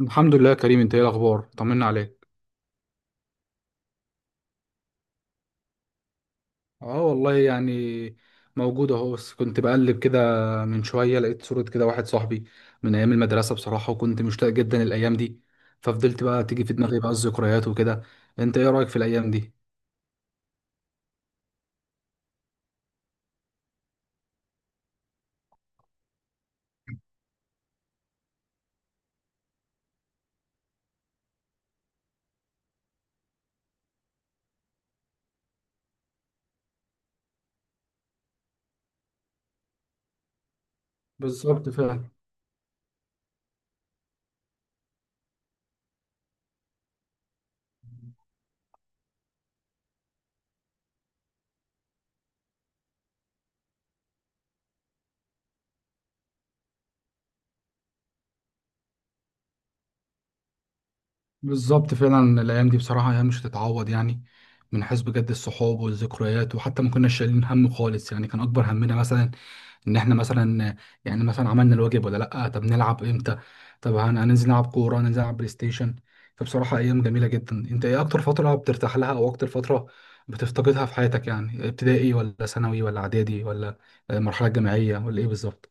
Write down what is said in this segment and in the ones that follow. الحمد لله يا كريم، انت ايه الاخبار؟ طمنا عليك. اه والله يعني موجود اهو، بس كنت بقلب كده. من شويه لقيت صوره كده واحد صاحبي من ايام المدرسه بصراحه، وكنت مشتاق جدا الايام دي. ففضلت بقى تيجي في دماغي بقى الذكريات وكده. انت ايه رايك في الايام دي؟ بالظبط فعلا. بالظبط فعلا، الايام دي بصراحه ايام مش هتتعوض يعني. من حيث بجد الصحاب والذكريات، وحتى ما كنا شايلين هم خالص يعني. كان اكبر همنا مثلا ان احنا مثلا يعني مثلا عملنا الواجب ولا لا، طب نلعب امتى، طب هننزل نلعب كوره، هننزل نلعب بلاي ستيشن. فبصراحه ايام جميله جدا. انت ايه اكتر فتره بترتاح لها، او اكتر فتره بتفتقدها في حياتك؟ يعني ابتدائي ولا ثانوي ولا اعدادي ولا مرحله جامعيه ولا ايه بالظبط؟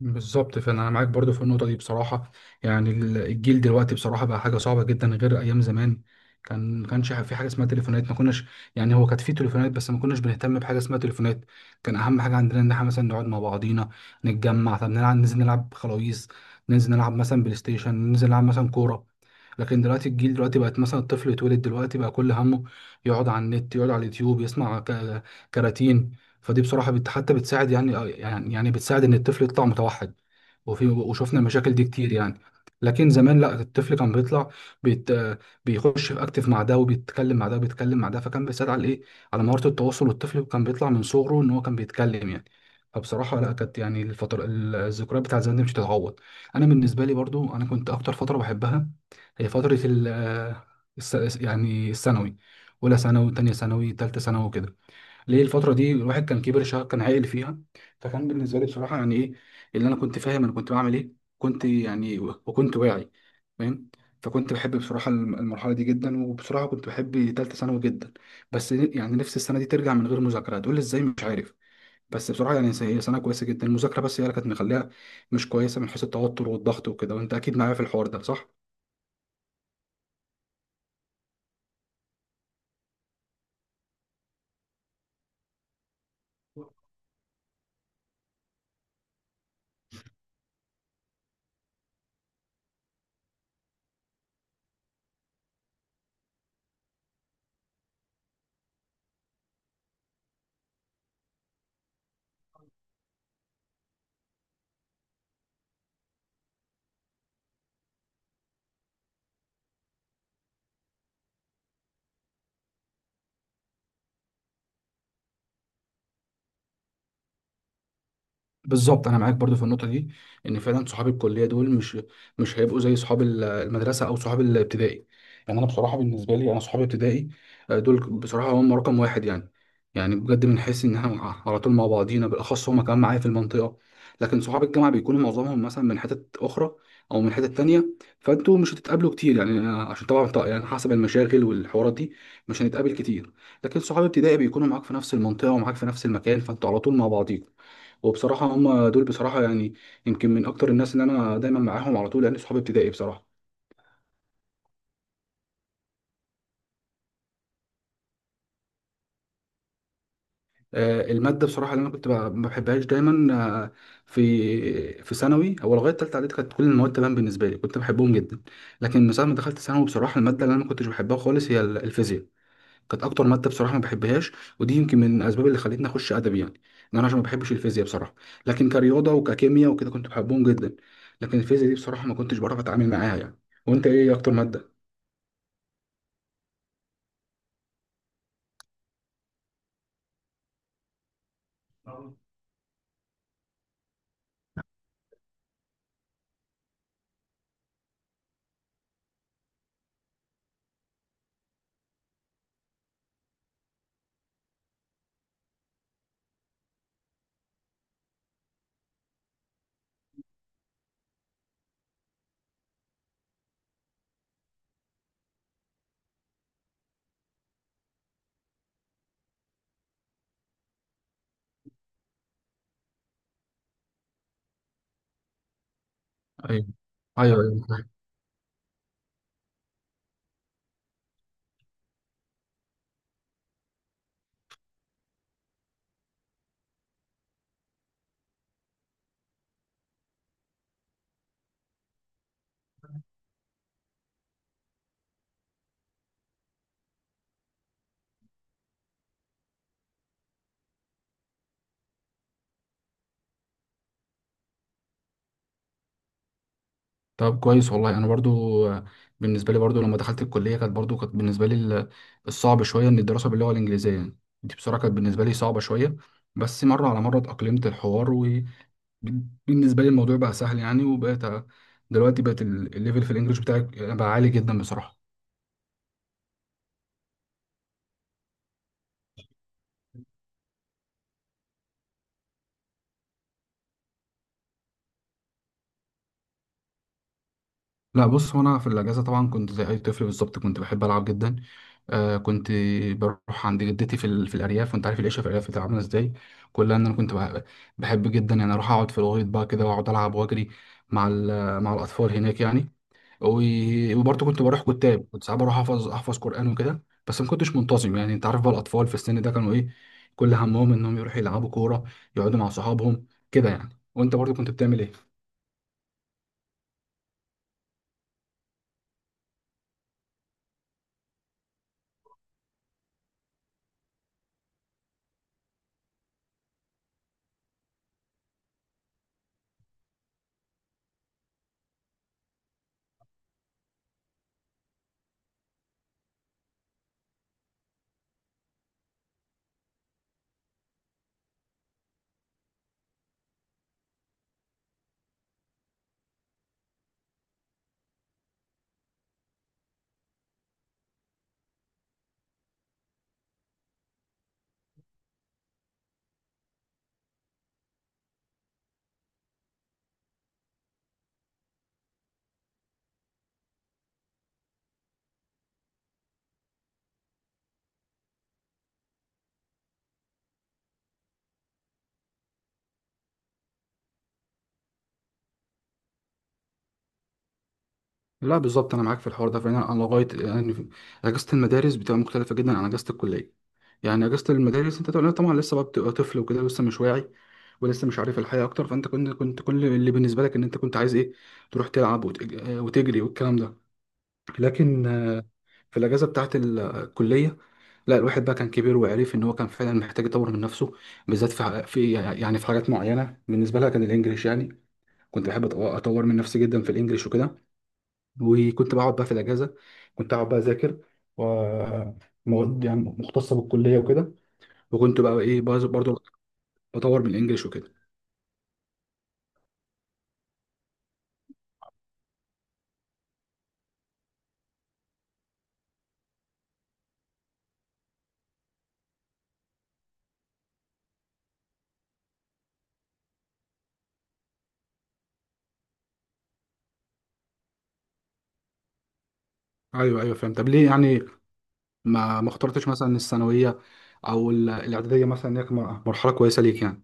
بالظبط، فانا معاك برضو في النقطه دي بصراحه. يعني الجيل دلوقتي بصراحه بقى حاجه صعبه جدا غير ايام زمان. ما كانش في حاجه اسمها تليفونات، ما كناش، يعني هو كانت في تليفونات بس ما كناش بنهتم بحاجه اسمها تليفونات. كان اهم حاجه عندنا ان احنا مثلا نقعد مع بعضينا، نتجمع، طب نلعب، ننزل نلعب خلاويص، ننزل نلعب مثلا بلاي ستيشن، ننزل نلعب مثلا كوره. لكن دلوقتي الجيل دلوقتي بقت مثلا الطفل يتولد دلوقتي بقى كل همه يقعد على النت، يقعد على اليوتيوب، يسمع كراتين. فدي بصراحه حتى بتساعد يعني بتساعد ان الطفل يطلع متوحد. وفي وشفنا المشاكل دي كتير يعني. لكن زمان لا، الطفل كان بيطلع بيت بيخش في اكتف مع ده، وبيتكلم مع ده، وبيتكلم مع ده، فكان بيساعد على ايه، على مهاره التواصل. والطفل كان بيطلع من صغره ان هو كان بيتكلم يعني. فبصراحه لا، كانت يعني الفتره الذكريات بتاعت زمان دي مش هتتعوض. انا بالنسبه لي برضو، انا كنت اكتر فتره بحبها هي فتره يعني الثانوي. اولى ثانوي، تانية ثانوي، تالتة ثانوي وكده. ليه الفترة دي؟ الواحد كان كبر شوية، كان عاقل فيها. فكان بالنسبة لي بصراحة يعني إيه اللي أنا كنت فاهم أنا كنت بعمل إيه، كنت يعني، وكنت واعي، فاهم. فكنت بحب بصراحة المرحلة دي جدا. وبصراحة كنت بحب تالتة ثانوي جدا. بس يعني نفس السنة دي ترجع من غير مذاكرة هتقول لي إزاي، مش عارف. بس بصراحة يعني هي سنة كويسة جدا، المذاكرة بس هي اللي كانت مخليها مش كويسة، من حيث التوتر والضغط وكده. وأنت أكيد معايا في الحوار ده، صح؟ بالظبط انا معاك برضو في النقطه دي. ان فعلا صحاب الكليه دول مش هيبقوا زي صحاب المدرسه او صحاب الابتدائي. يعني انا بصراحه بالنسبه لي، انا صحابي ابتدائي دول بصراحه هم رقم واحد يعني. يعني بجد بنحس ان احنا على طول مع بعضينا، بالاخص هم كمان معايا في المنطقه. لكن صحاب الجامعه بيكونوا معظمهم مثلا من حتت اخرى او من حتت تانية. فانتوا مش هتتقابلوا كتير يعني، عشان طبعاً يعني حسب المشاغل والحوارات دي مش هنتقابل كتير. لكن صحاب ابتدائي بيكونوا معاك في نفس المنطقه ومعاك في نفس المكان، فانتوا على طول مع بعضيكم. وبصراحة هم دول بصراحة يعني يمكن من أكتر الناس اللي أنا دايما معاهم على طول، لأن صحابي ابتدائي بصراحة. المادة بصراحة اللي أنا كنت ما بحبهاش دايما، آه، في في ثانوي أو لغاية تالتة إعدادي كانت كل المواد تمام بالنسبة لي، كنت بحبهم جدا. لكن من ساعة ما دخلت ثانوي بصراحة المادة اللي أنا ما كنتش بحبها خالص هي الفيزياء. كانت أكتر مادة بصراحة ما بحبهاش. ودي يمكن من الأسباب اللي خلتني أخش أدبي يعني، إن أنا عشان ما بحبش الفيزياء بصراحة. لكن كرياضة وككيمياء وكده كنت بحبهم جدا. لكن الفيزياء دي بصراحة ما كنتش بعرف أتعامل معاها يعني. وأنت إيه أكتر مادة؟ ايوه ايوه ايوه فاهم. طب كويس والله. انا برضو بالنسبه لي برضو لما دخلت الكليه كانت برضو، كانت بالنسبه لي الصعب شويه ان الدراسه باللغه الانجليزيه يعني. دي بصراحه كانت بالنسبه لي صعبه شويه، بس مره على مره اتاقلمت الحوار. وبالنسبه لي الموضوع بقى سهل يعني. وبقيت دلوقتي بقت الليفل في الانجليش بتاعي بقى عالي جدا بصراحه. لا بص، هو انا في الاجازه طبعا كنت زي اي طفل بالظبط، كنت بحب العب جدا. كنت بروح عند جدتي في الارياف. وانت عارف العيشه في الارياف بتبقى عامله ازاي. كلها ان انا كنت بحب جدا يعني اروح اقعد في الغيط بقى كده، واقعد العب واجري مع ال... مع الاطفال هناك يعني. و... وبرضه كنت بروح كتاب، كنت ساعات بروح احفظ قران وكده، بس ما كنتش منتظم يعني. انت عارف بقى الاطفال في السن ده كانوا ايه، كل همهم انهم يروحوا يلعبوا كوره، يقعدوا مع صحابهم كده يعني. وانت برضه كنت بتعمل ايه؟ لا بالظبط، انا معاك في الحوار ده فعلا. انا لغايه يعني اجازه المدارس بتبقى مختلفه جدا عن اجازه الكليه. يعني اجازه المدارس انت طبعاً لسه بقى بتبقى طفل وكده، لسه مش واعي، ولسه مش عارف الحياه اكتر. فانت كنت كل اللي بالنسبه لك ان انت كنت عايز ايه تروح تلعب، وتجري والكلام ده. لكن في الاجازه بتاعه الكليه لا، الواحد بقى كان كبير وعرف ان هو كان فعلا محتاج يطور من نفسه. بالذات في حاجات معينه بالنسبه لها كان الانجليش يعني. كنت بحب اطور من نفسي جدا في الانجليش وكده. وكنت بقعد بقى في الاجازه، كنت اقعد بقى اذاكر ومواد يعني مختصه بالكليه وكده. وكنت بقى ايه برضو بطور من الانجليش وكده. ايوه ايوه فهمت. طب ليه يعني ما اخترتش مثلا الثانويه او الاعداديه مثلا، إن هي كانت مرحله كويسه ليك يعني؟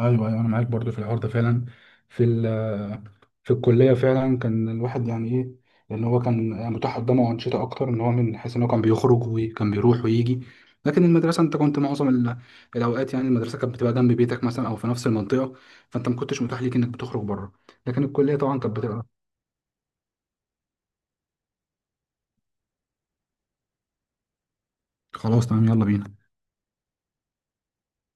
ايوه ايوه، انا معاك برضو في الحوار ده فعلا. في في الكليه فعلا كان الواحد يعني ايه، لان هو كان يعني متاح قدامه انشطه اكتر، ان هو من حيث ان هو كان بيخرج وكان بيروح ويجي. لكن المدرسه انت كنت معظم الاوقات، يعني المدرسه كانت بتبقى جنب بيتك مثلا او في نفس المنطقه، فانت ما كنتش متاح ليك انك بتخرج بره. لكن الكليه طبعا كانت بتبقى. خلاص تمام، يلا بينا.